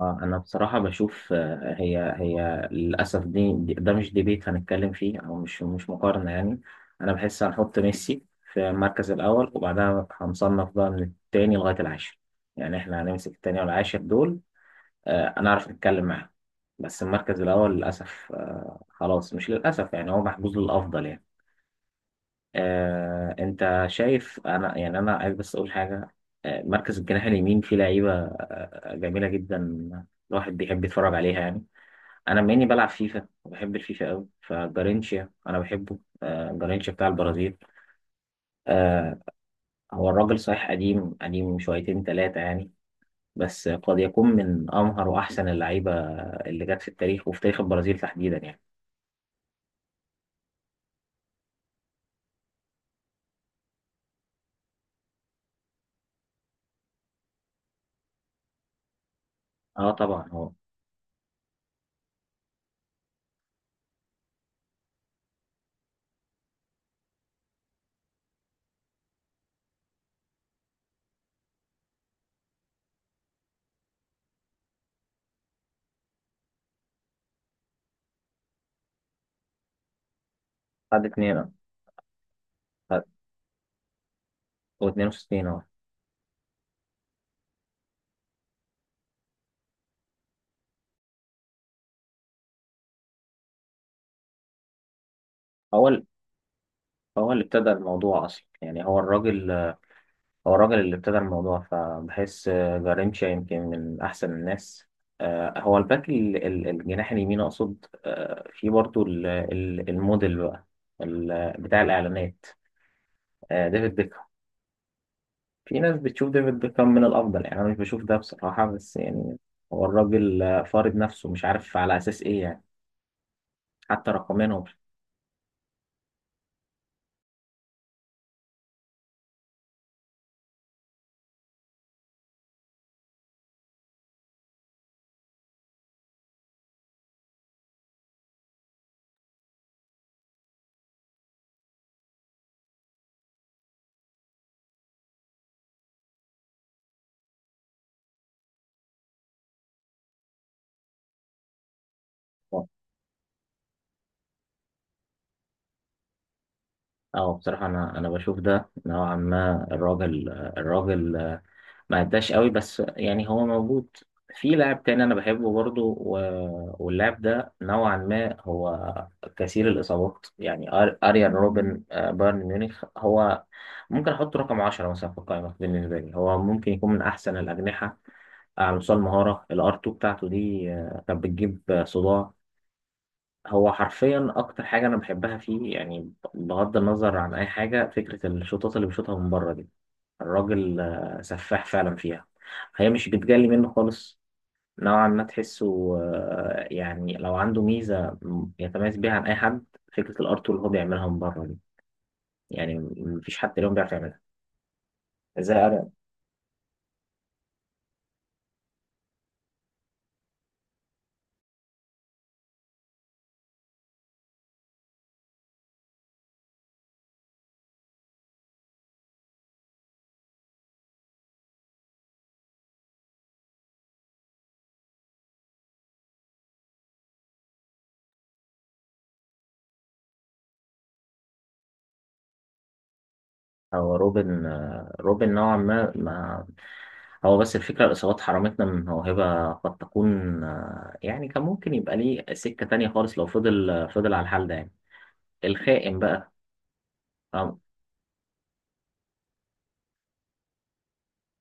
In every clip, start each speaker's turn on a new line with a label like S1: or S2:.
S1: أنا بصراحة بشوف، هي للأسف ده مش ديبيت هنتكلم فيه، أو مش مقارنة يعني. أنا بحس هنحط ميسي في المركز الأول، وبعدها هنصنف بقى من التاني لغاية العاشر. يعني إحنا هنمسك التاني والعاشر دول. أنا أعرف أتكلم معاهم. بس المركز الأول للأسف، خلاص مش للأسف، يعني هو محجوز للأفضل يعني. انت شايف، يعني انا عايز بس اقول حاجه. مركز الجناح اليمين فيه لعيبه جميله جدا، الواحد بيحب يتفرج عليها يعني. انا بما اني بلعب فيفا وبحب الفيفا قوي، فجارينشيا انا بحبه، جارينشيا بتاع البرازيل. آه، هو الراجل صحيح، قديم قديم شويتين ثلاثه يعني. بس قد يكون من امهر واحسن اللعيبه اللي جت في التاريخ، وفي تاريخ البرازيل تحديدا يعني. اه طبعا، هو خد اتنين اه. خد- واتنين وستين اه. هو هو اللي ابتدى الموضوع أصلا يعني. هو الراجل اللي ابتدى الموضوع، فبحس جارينشا يمكن من أحسن الناس. هو الجناح اليمين أقصد. في برضو الموديل بقى، بتاع الإعلانات. ديفيد بيكهام. في ناس بتشوف ديفيد بيكهام من الأفضل، يعني أنا مش بشوف ده بصراحة بس يعني. هو الراجل فارض نفسه، مش عارف على أساس إيه يعني. حتى رقميا هو اه بصراحة، أنا بشوف ده نوعا ما. الراجل ما عداش قوي بس، يعني هو موجود. في لاعب تاني انا بحبه برضو، واللاعب ده نوعا ما هو كثير الاصابات يعني. اريان روبن، بايرن ميونخ. هو ممكن احطه رقم 10 مثلا في القائمه بالنسبه لي. هو ممكن يكون من احسن الاجنحه، على مستوى المهاره. الار 2 بتاعته دي كانت بتجيب صداع. هو حرفيا اكتر حاجه انا بحبها فيه، يعني بغض النظر عن اي حاجه، فكره الشوطات اللي بيشوطها من بره دي، الراجل سفاح فعلا فيها. هي مش بتجلي منه خالص، نوعا ما تحسه، يعني لو عنده ميزة يتميز بيها عن أي حد. فكرة الار اللي هو بيعملها من بره دي، يعني مفيش حد اليوم بيعرف يعملها زي أرن أو روبن. روبن نوعا ما هو بس الفكرة، الإصابات حرمتنا من موهبة قد تكون، يعني كان ممكن يبقى ليه سكة تانية خالص، لو فضل على الحال ده يعني. الخائن بقى.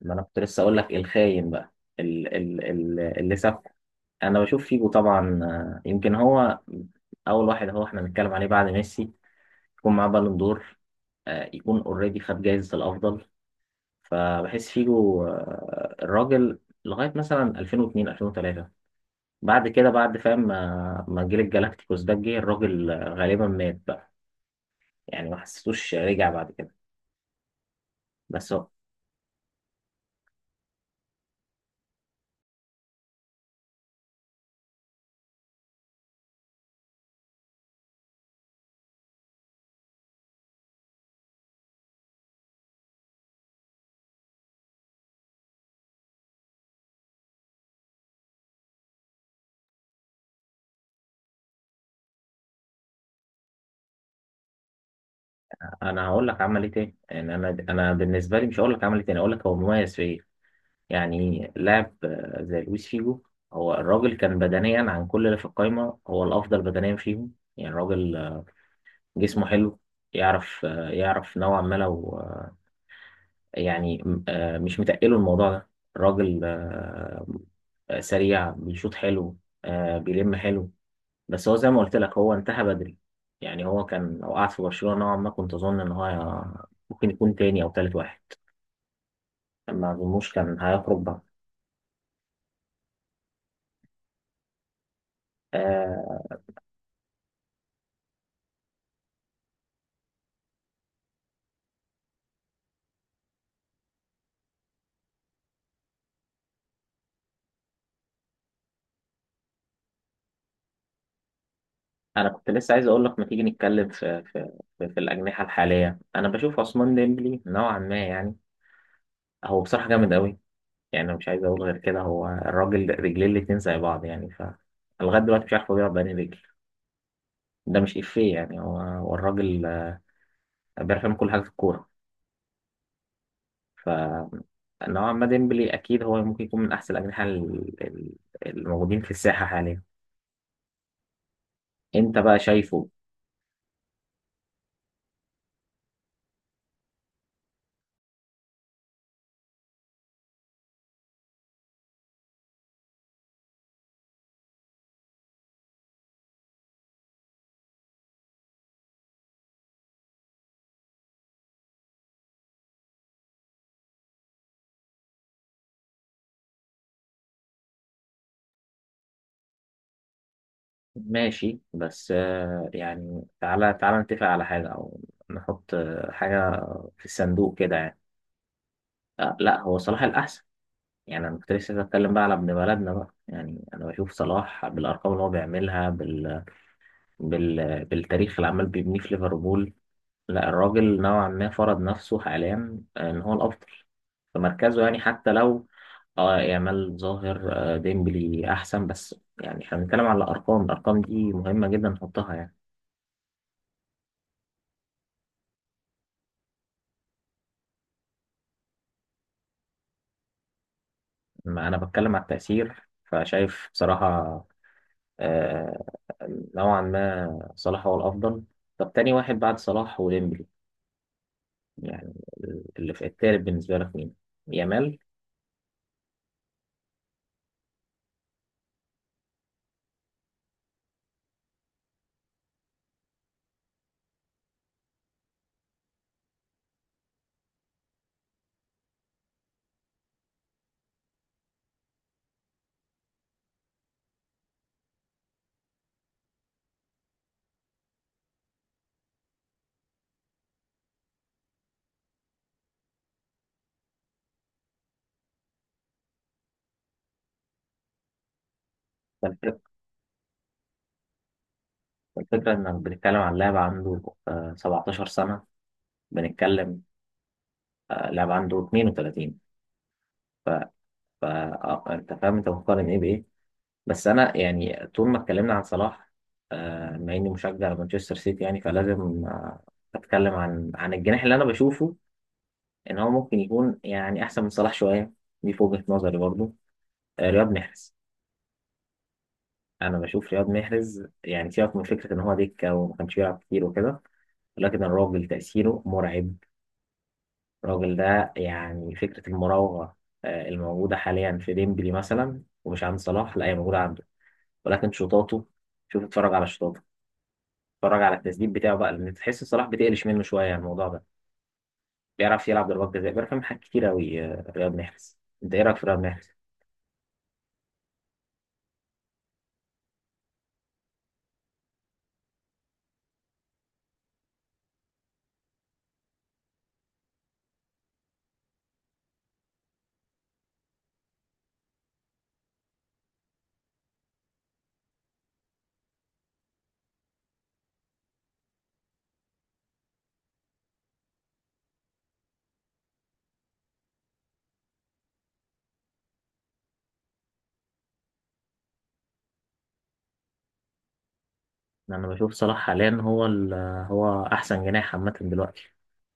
S1: ما انا كنت لسه اقول لك الخاين بقى، ال ال ال اللي ساب. انا بشوف فيجو طبعا، يمكن هو اول واحد احنا بنتكلم عليه بعد ميسي يكون معاه بالون دور. يكون اوريدي خد جايزة الافضل. فبحس فيجو الراجل، لغاية مثلا 2002، 2003. بعد كده، بعد فاهم ما جيل الجالاكتيكوس ده جه، الراجل غالبا مات بقى يعني، ما حسيتوش رجع بعد كده. بس انا هقول لك عمل ايه تاني. يعني انا بالنسبه لي مش هقول لك عمل ايه تاني، اقول لك هو مميز في ايه. يعني لاعب زي لويس فيجو، هو الراجل كان بدنيا، عن كل اللي في القايمة هو الأفضل بدنيا فيهم يعني. الراجل جسمه حلو. يعرف نوعا ما، لو يعني مش متقله الموضوع ده. الراجل سريع، بيشوط حلو، بيلم حلو. بس هو زي ما قلت لك، هو انتهى بدري. يعني هو كان لو قعد في برشلونة، نوعا ما كنت أظن إن هو ممكن يكون تاني أو تالت واحد. ما أظنوش كان هيخرج بقى. انا كنت لسه عايز اقول لك، ما تيجي نتكلم في الاجنحه الحاليه. انا بشوف عثمان ديمبلي نوعا ما يعني. هو بصراحه جامد قوي، يعني انا مش عايز اقول غير كده. هو الراجل رجليه الاتنين زي بعض، يعني ف لغايه دلوقتي مش عارف هو بيلعب بأنهي رجل. ده مش افيه يعني، هو الراجل بيعرف يعمل كل حاجه في الكوره. ف نوعا ما ديمبلي اكيد هو ممكن يكون من احسن الاجنحه الموجودين في الساحه حاليا. انت بقى شايفه. ماشي بس، يعني تعالى تعالى نتفق على حاجة، أو نحط حاجة في الصندوق كده يعني. لا، هو صلاح الأحسن. يعني أنا كنت لسه بتكلم بقى على ابن بلدنا بقى، يعني أنا بشوف صلاح بالأرقام اللي هو بيعملها بالتاريخ اللي عمال بيبنيه في ليفربول. لا، الراجل نوعا ما فرض نفسه حاليا إن هو الأفضل في مركزه يعني. حتى لو اه يامال ظاهر، ديمبلي أحسن، بس يعني احنا بنتكلم على الأرقام. الأرقام دي مهمة جدا نحطها يعني. ما أنا بتكلم على التأثير، فشايف بصراحة آه، نوعا ما صلاح هو الأفضل. طب، تاني واحد بعد صلاح وديمبلي، يعني اللي في التالت بالنسبة لك مين؟ يامال. فالفك- الفكرة إنك بتتكلم عن لاعب عنده 17 سنة. بنتكلم لاعب عنده 32. ف... أنت فاهم، أنت بتقارن إيه بإيه؟ بس أنا يعني طول ما اتكلمنا عن صلاح، بما إني مشجع لمانشستر سيتي يعني، فلازم أتكلم عن الجناح اللي أنا بشوفه ان هو ممكن يكون يعني احسن من صلاح شويه. دي في وجهه نظري برضو. رياض محرز. انا بشوف رياض محرز، يعني سيبك من فكره ان هو دكه وما كانش بيلعب كتير وكده. ولكن الراجل تاثيره مرعب. الراجل ده يعني، فكره المراوغه الموجوده حاليا في ديمبلي مثلا ومش عند صلاح، لا هي موجوده عنده. ولكن شوطاته، شوف اتفرج على شوطاته، اتفرج على التسديد بتاعه بقى، لان تحس صلاح بتقلش منه شويه الموضوع ده. بيعرف يلعب ضربات جزاء، بيعرف يعمل حاجات كتير قوي رياض محرز. انت ايه رايك في رياض محرز؟ انا بشوف صلاح حاليا هو هو احسن جناح عامه دلوقتي.